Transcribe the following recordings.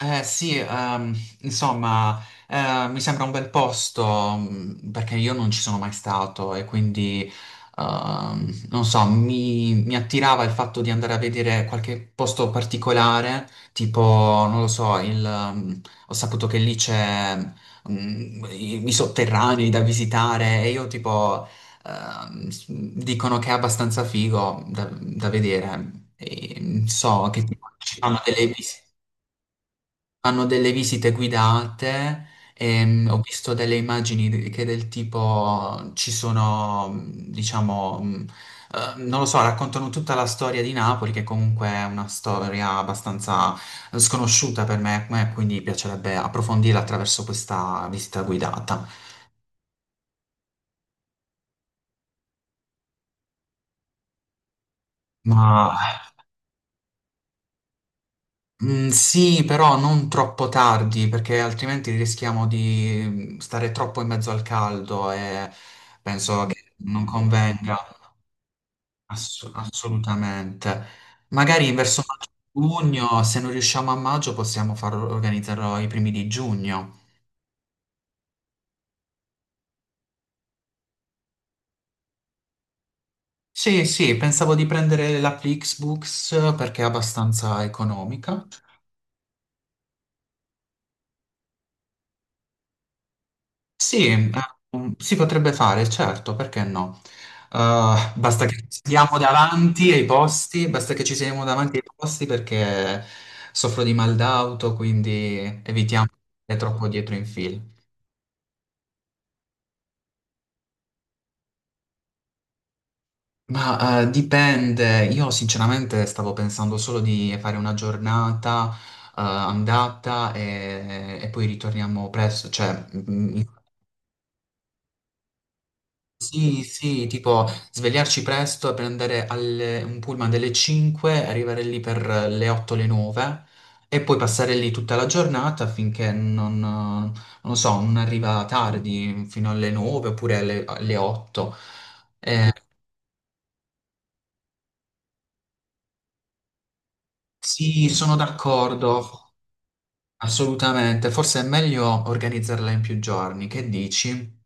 Sì, insomma, mi sembra un bel posto perché io non ci sono mai stato e quindi, non so, mi attirava il fatto di andare a vedere qualche posto particolare, tipo, non lo so, ho saputo che lì c'è i sotterranei da visitare e io tipo, dicono che è abbastanza figo da vedere. E so che tipo, ci fanno delle visite. Hanno delle visite guidate, ho visto delle immagini che del tipo ci sono, diciamo, non lo so, raccontano tutta la storia di Napoli, che comunque è una storia abbastanza sconosciuta per me, quindi piacerebbe approfondirla attraverso questa visita guidata. Ma sì, però non troppo tardi, perché altrimenti rischiamo di stare troppo in mezzo al caldo e penso che non convenga. Assolutamente. Magari verso maggio-giugno, se non riusciamo a maggio, possiamo far organizzarlo ai primi di giugno. Sì, sì, pensavo di prendere la Flixbooks perché è abbastanza economica. Sì, si potrebbe fare, certo, perché no? Basta che ci siamo davanti ai posti, basta che ci siamo davanti ai posti perché soffro di mal d'auto, quindi evitiamo di stare troppo dietro in fila. Ma dipende, io sinceramente stavo pensando solo di fare una giornata andata e poi ritorniamo presto, cioè sì, sì, tipo svegliarci presto e prendere un pullman delle 5, arrivare lì per le 8, le 9 e poi passare lì tutta la giornata finché non, non lo so, non arriva tardi fino alle 9 oppure alle 8. Eh, sì, sono d'accordo. Assolutamente, forse è meglio organizzarla in più giorni, che dici?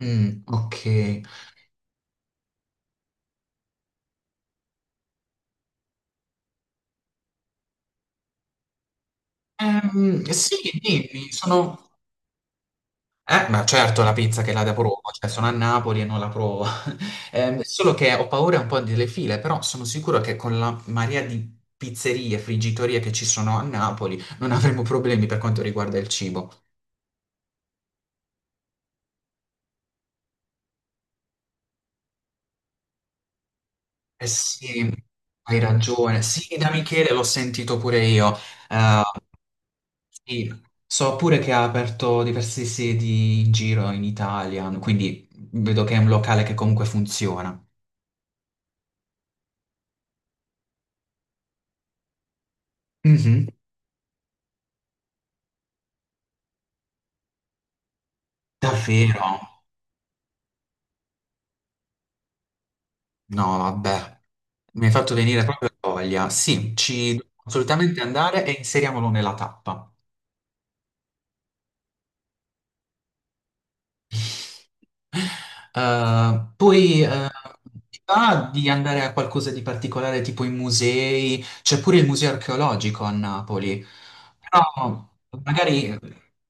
Mm, ok. Sì, dimmi, sono... ma certo la pizza che la provo, cioè sono a Napoli e non la provo. Solo che ho paura un po' delle file, però sono sicuro che con la marea di pizzerie, friggitorie che ci sono a Napoli non avremo problemi per quanto riguarda il cibo. Eh sì, hai ragione. Sì, da Michele l'ho sentito pure io. Ehm, Sì, so pure che ha aperto diverse sedi in giro in Italia, quindi vedo che è un locale che comunque funziona. Mhm. Davvero? No, vabbè, mi hai fatto venire proprio voglia. Sì, ci dobbiamo assolutamente andare e inseriamolo nella tappa. Poi sì. Ti va di andare a qualcosa di particolare tipo i musei, c'è pure il museo archeologico a Napoli, però magari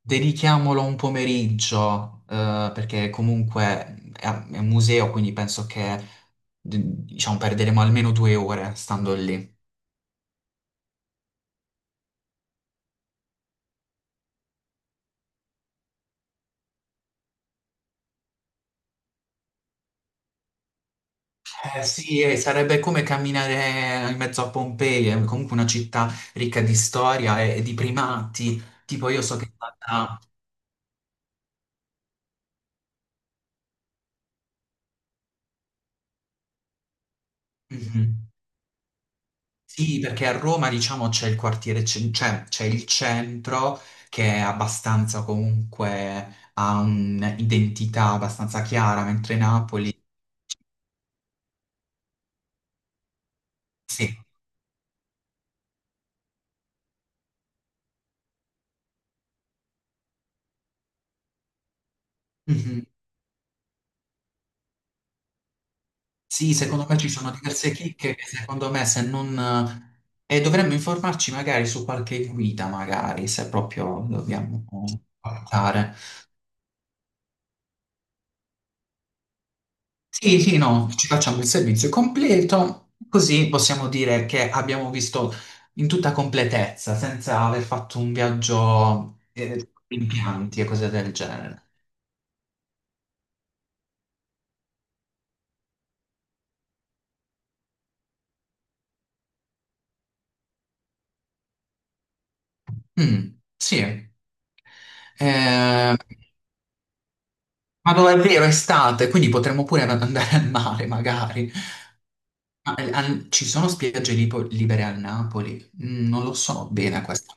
dedichiamolo un pomeriggio perché comunque è, è un museo, quindi penso che d- diciamo perderemo almeno 2 ore stando lì. Eh sì, sarebbe come camminare in mezzo a Pompei, è comunque una città ricca di storia e di primati. Tipo io so che è stata... Mhm. Sì, perché a Roma diciamo c'è il quartiere, cioè c'è il centro che è abbastanza comunque ha un'identità abbastanza chiara, mentre Napoli... Sì. Sì, secondo me ci sono diverse chicche che secondo me se non... E dovremmo informarci magari su qualche guida, magari, se proprio dobbiamo guardare. Sì, sì, no, ci facciamo il servizio completo, così possiamo dire che abbiamo visto in tutta completezza, senza aver fatto un viaggio in pianti e cose del genere. Mm, sì. Eh, ma dove è vero, è estate, quindi potremmo pure andare al mare, magari. Ma, ci sono spiagge libere a Napoli? Non lo so bene questa.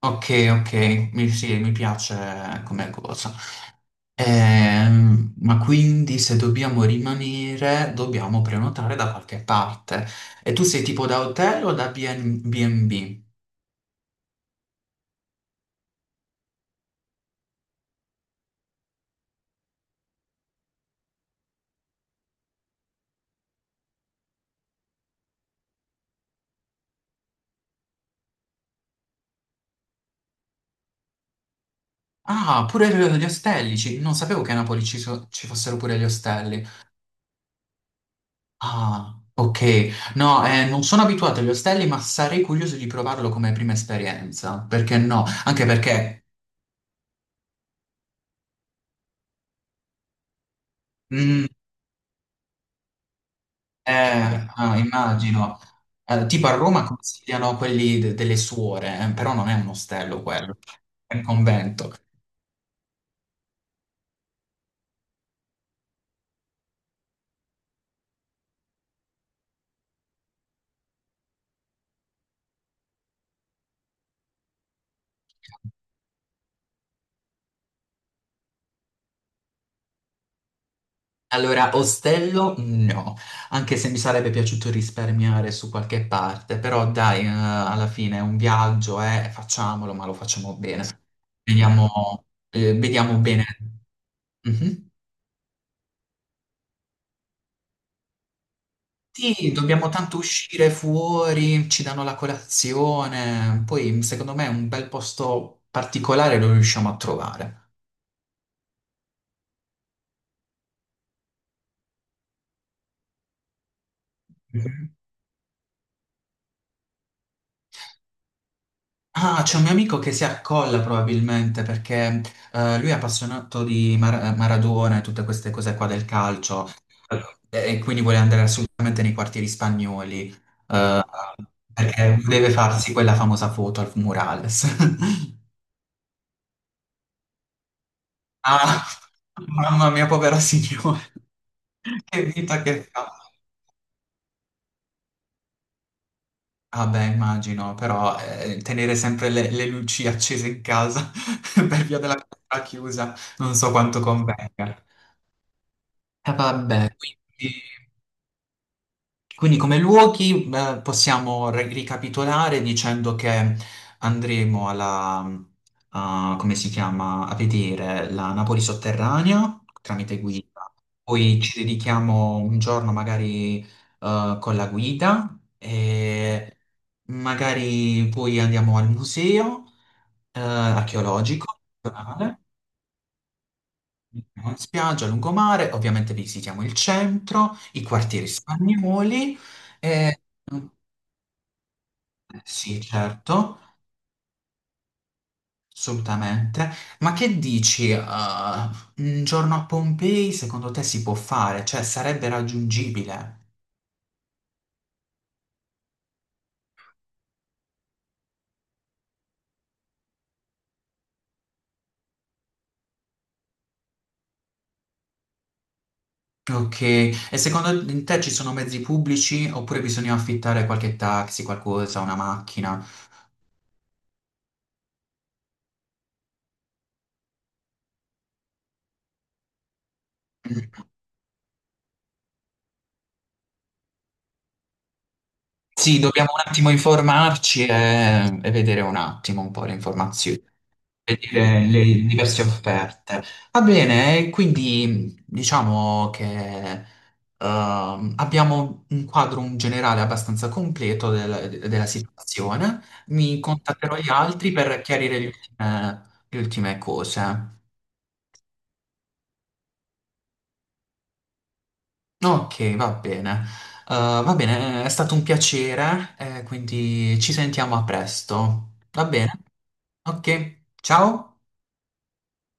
Ok, ok, sì, mi piace come cosa. Ma quindi se dobbiamo rimanere, dobbiamo prenotare da qualche parte. E tu sei tipo da hotel o da B&B? Ah, pure gli ostelli, non sapevo che a Napoli ci fossero pure gli ostelli. Ah, ok. No, non sono abituato agli ostelli, ma sarei curioso di provarlo come prima esperienza. Perché no? Anche perché, mm, ah, immagino, tipo a Roma consigliano quelli delle suore, però non è un ostello quello, è un convento. Allora, ostello no, anche se mi sarebbe piaciuto risparmiare su qualche parte, però dai, alla fine è un viaggio, facciamolo, ma lo facciamo bene. Vediamo bene. Mhm. Sì, dobbiamo tanto uscire fuori, ci danno la colazione, poi secondo me un bel posto particolare lo riusciamo a trovare. Ah, c'è un mio amico che si accolla probabilmente perché lui è appassionato di Maradona e tutte queste cose qua del calcio. Allora, e quindi vuole andare assolutamente nei quartieri spagnoli eh, perché deve farsi quella famosa foto al murales. Ah, mamma mia, povera signora, che vita che fa. Ah beh, immagino, però tenere sempre le luci accese in casa per via della porta chiusa, non so quanto convenga. Vabbè, quindi come luoghi possiamo ricapitolare dicendo che andremo come si chiama, a vedere la Napoli sotterranea tramite guida, poi ci dedichiamo un giorno magari con la guida e magari poi andiamo al museo archeologico. Spiaggia, lungomare, ovviamente visitiamo il centro, i quartieri spagnoli. e- eh, Sì, certo, assolutamente. Ma che dici, un giorno a Pompei secondo te si può fare? Cioè, sarebbe raggiungibile? Ok, e secondo te ci sono mezzi pubblici oppure bisogna affittare qualche taxi, qualcosa, una macchina? Sì, dobbiamo un attimo informarci e vedere un attimo un po' le informazioni. E dire le diverse offerte. Va bene, e quindi diciamo che abbiamo un quadro in generale abbastanza completo della situazione. Mi contatterò gli altri per chiarire le ultime cose. Ok, va bene. Va bene, è stato un piacere, quindi ci sentiamo a presto. Va bene? Ok, ciao.